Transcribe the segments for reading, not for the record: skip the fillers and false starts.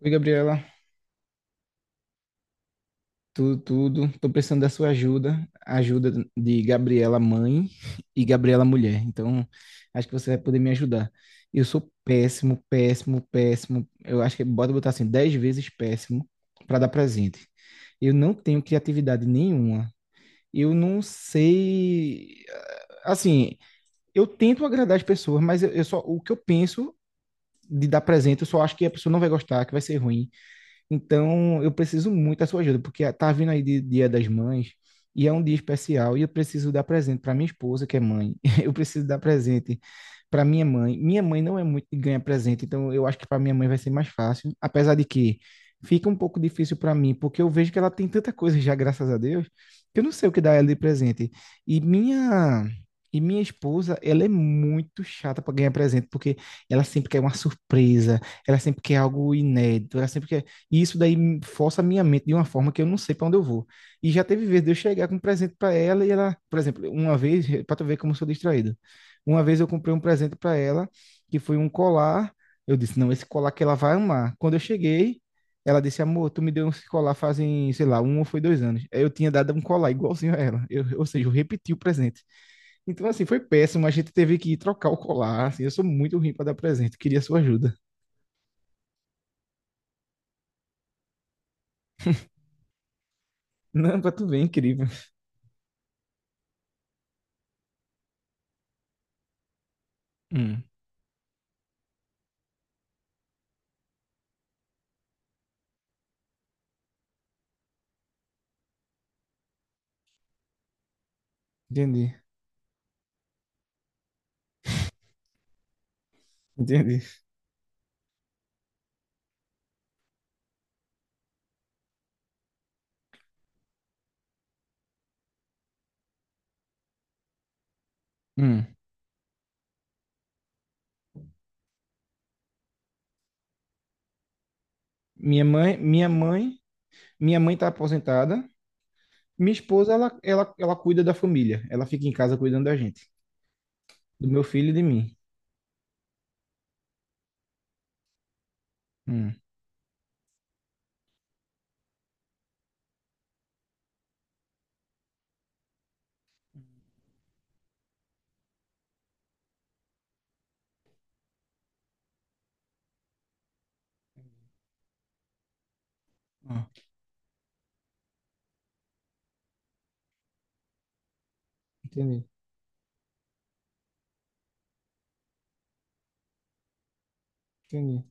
Oi, Gabriela. Tudo. Tô precisando da sua ajuda. Ajuda de Gabriela mãe e Gabriela mulher. Então, acho que você vai poder me ajudar. Eu sou péssimo, péssimo, péssimo. Eu acho que botar assim, 10 vezes péssimo para dar presente. Eu não tenho criatividade nenhuma. Eu não sei. Assim, eu tento agradar as pessoas, mas eu só o que eu penso de dar presente, eu só acho que a pessoa não vai gostar, que vai ser ruim. Então, eu preciso muito da sua ajuda, porque tá vindo Dia das Mães e é um dia especial e eu preciso dar presente para minha esposa, que é mãe. Eu preciso dar presente para minha mãe. Minha mãe não é muito de ganhar presente, então eu acho que para minha mãe vai ser mais fácil, apesar de que fica um pouco difícil para mim, porque eu vejo que ela tem tanta coisa já, graças a Deus, que eu não sei o que dar ela de presente. E minha e minha esposa, ela é muito chata para ganhar presente, porque ela sempre quer uma surpresa, ela sempre quer algo inédito, ela sempre quer e isso força a minha mente de uma forma que eu não sei para onde eu vou. E já teve vezes de eu chegar com um presente para ela e ela, por exemplo, uma vez, para tu ver como eu sou distraído. Uma vez eu comprei um presente para ela que foi um colar. Eu disse, não, esse colar que ela vai amar. Quando eu cheguei, ela disse, amor, tu me deu esse colar fazem, sei lá, um ou foi dois anos. Aí eu tinha dado um colar igualzinho a ela. Eu, ou seja, eu repeti o presente. Então, assim, foi péssimo. A gente teve que ir trocar o colar. Assim, eu sou muito ruim para dar presente. Queria sua ajuda. Não, pra tu ver, incrível. Hum, entendi. Entendi. Hum. Minha mãe, minha mãe, minha mãe tá aposentada. Minha esposa, ela cuida da família. Ela fica em casa cuidando da gente, do meu filho e de mim. Hum. Ah, entendi, entendi.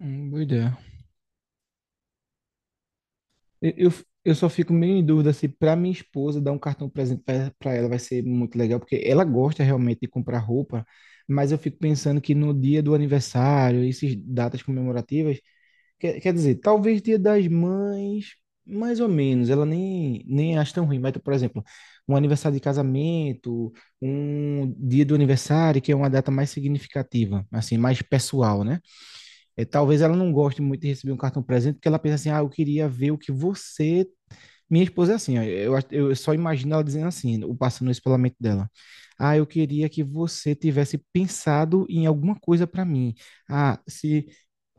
Boa ideia. Eu, eu, eu só fico meio em dúvida se para minha esposa dar um cartão presente para ela vai ser muito legal, porque ela gosta realmente de comprar roupa, mas eu fico pensando que no dia do aniversário, essas datas comemorativas, Quer dizer, talvez Dia das Mães, mais ou menos, ela nem acha tão ruim, mas, por exemplo, um aniversário de casamento, um dia do aniversário, que é uma data mais significativa, assim, mais pessoal, né? É, talvez ela não goste muito de receber um cartão presente, porque ela pensa assim, ah, eu queria ver o que você... Minha esposa é assim, ó, eu só imagino ela dizendo assim, o passando isso pela mente dela. Ah, eu queria que você tivesse pensado em alguma coisa para mim. Ah, se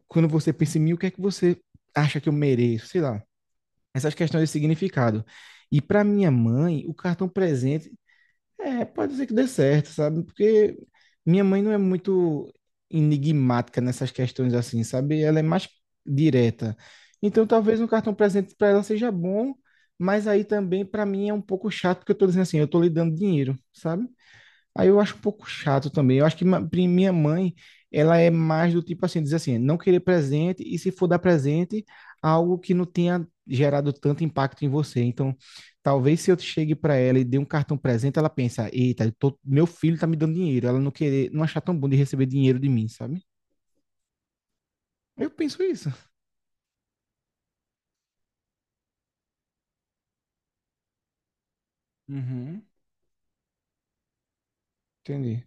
quando você pensa em mim, o que é que você acha que eu mereço? Sei lá. Essas questões de significado. E para minha mãe, o cartão presente, é, pode ser que dê certo, sabe? Porque minha mãe não é muito enigmática nessas questões assim, sabe? Ela é mais direta. Então, talvez um cartão presente para ela seja bom, mas aí também para mim é um pouco chato, porque eu tô dizendo assim, eu tô lhe dando dinheiro, sabe? Aí eu acho um pouco chato também. Eu acho que minha mãe, ela é mais do tipo assim, diz assim, não querer presente e se for dar presente, algo que não tenha gerado tanto impacto em você. Então, talvez se eu chegue para ela e dê um cartão presente, ela pensa, eita, meu filho tá me dando dinheiro. Ela não querer, não achar tão bom de receber dinheiro de mim, sabe? Eu penso isso. Uhum, entendi.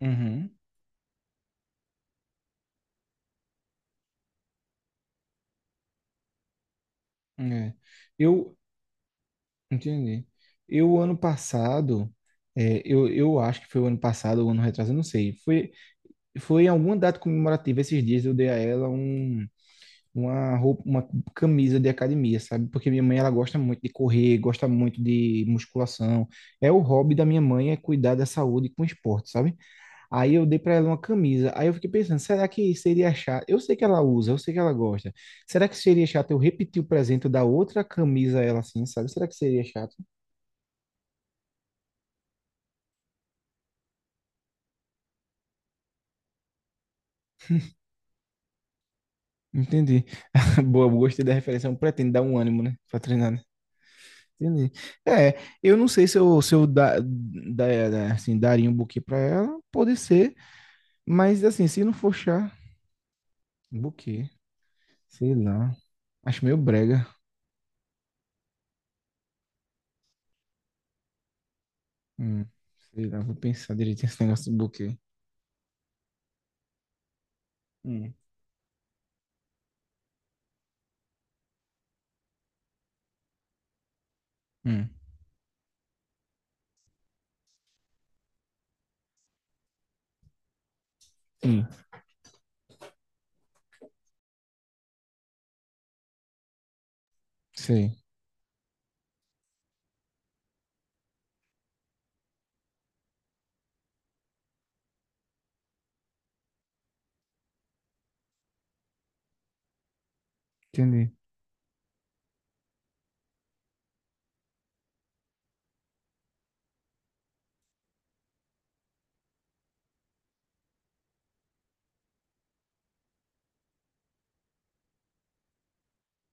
Uhum. É. Eu entendi. Eu ano passado, é, eu acho que foi o ano passado, o ano retrasado, eu não sei. Foi em alguma data comemorativa esses dias eu dei a ela um, uma roupa, uma camisa de academia, sabe? Porque minha mãe ela gosta muito de correr, gosta muito de musculação. É o hobby da minha mãe é cuidar da saúde com esporte, sabe? Aí eu dei para ela uma camisa. Aí eu fiquei pensando, será que seria chato? Eu sei que ela usa, eu sei que ela gosta. Será que seria chato eu repetir o presente da outra camisa a ela assim, sabe? Será que seria chato? Entendi. Boa, gostei da referência. Eu pretendo dar um ânimo, né? Pra treinar, né? Entendi. É, eu não sei se eu, se eu da, da- da- assim, daria um buquê pra ela, pode ser, mas assim, se não for chá, buquê, sei lá, acho meio brega. Hum, sei lá, vou pensar direito nesse negócio de buquê. Hum, hum, sim, sei, entendi.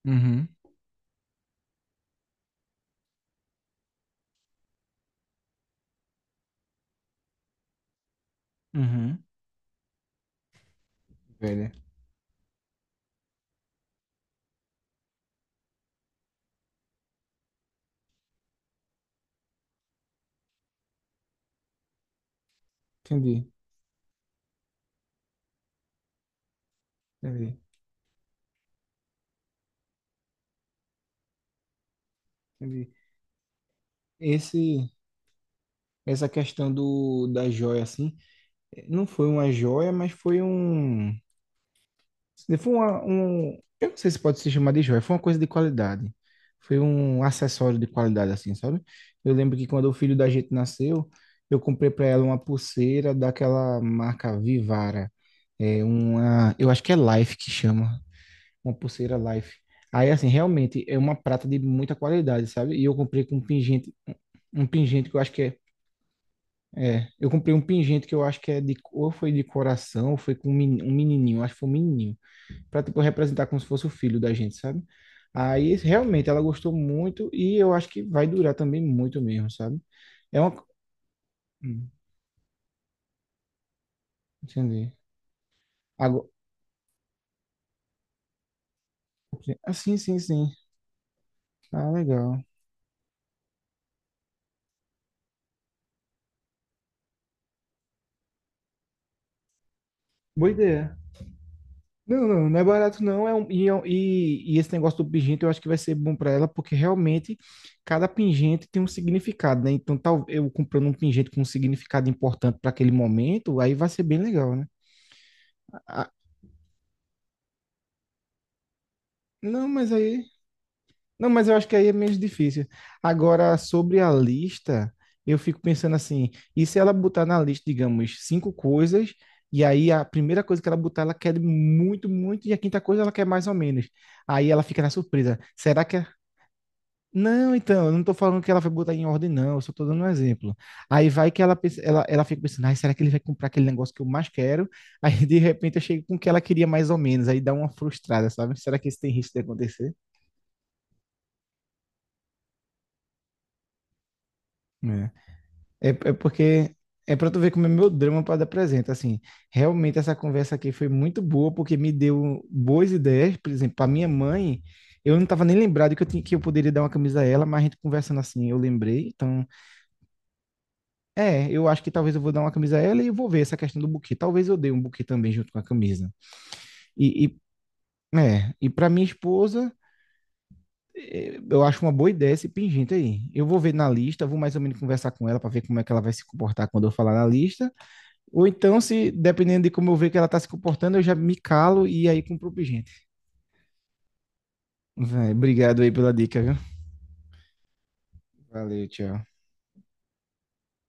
Uhum, uhum, velho, entendi, entendi, entendi. Esse, essa questão do, da joia, assim, não foi uma joia, mas foi um Se for uma- um, eu não sei se pode se chamar de joia, foi uma coisa de qualidade. Foi um acessório de qualidade, assim, sabe? Eu lembro que quando o filho da gente nasceu, eu comprei para ela uma pulseira daquela marca Vivara. É uma, eu acho que é Life que chama, uma pulseira Life. Aí, assim, realmente é uma prata de muita qualidade, sabe? E eu comprei com um pingente que eu acho que é. É, eu comprei um pingente que eu acho que é de, ou foi de coração, ou foi com um um menininho, acho que foi um menininho para tipo representar como se fosse o filho da gente, sabe? Aí realmente ela gostou muito e eu acho que vai durar também muito mesmo, sabe? É uma Hum, entendi. Agora, ah, sim, sim, sim. Ah, legal. Boa ideia. Não, não, não é barato não, e esse negócio do pingente eu acho que vai ser bom para ela, porque realmente cada pingente tem um significado, né? Então, tal, eu comprando um pingente com um significado importante para aquele momento, aí vai ser bem legal, né? Ah, não, mas aí Não, mas eu acho que aí é menos difícil. Agora, sobre a lista, eu fico pensando assim, e se ela botar na lista, digamos, cinco coisas, e aí a primeira coisa que ela botar, ela quer muito, muito, e a quinta coisa ela quer mais ou menos. Aí ela fica na surpresa. Não, então, eu não tô falando que ela vai botar em ordem, não, eu só tô dando um exemplo. Aí vai que ela fica pensando, ai, será que ele vai comprar aquele negócio que eu mais quero? Aí, de repente, eu chego com o que ela queria mais ou menos, aí dá uma frustrada, sabe? Será que isso tem risco de acontecer? É porque é pra tu ver como é meu drama para dar presente. Assim, realmente essa conversa aqui foi muito boa porque me deu boas ideias. Por exemplo, para minha mãe, eu não tava nem lembrado que eu tinha, que eu poderia dar uma camisa a ela, mas a gente conversando assim, eu lembrei. Então, é, eu acho que talvez eu vou dar uma camisa a ela e eu vou ver essa questão do buquê. Talvez eu dê um buquê também junto com a camisa. E, e e para minha esposa, eu acho uma boa ideia esse pingente aí. Eu vou ver na lista, vou mais ou menos conversar com ela para ver como é que ela vai se comportar quando eu falar na lista. Ou então, se dependendo de como eu ver que ela tá se comportando, eu já me calo e aí compro pro gente. Vai, obrigado aí pela dica, viu? Valeu, tchau.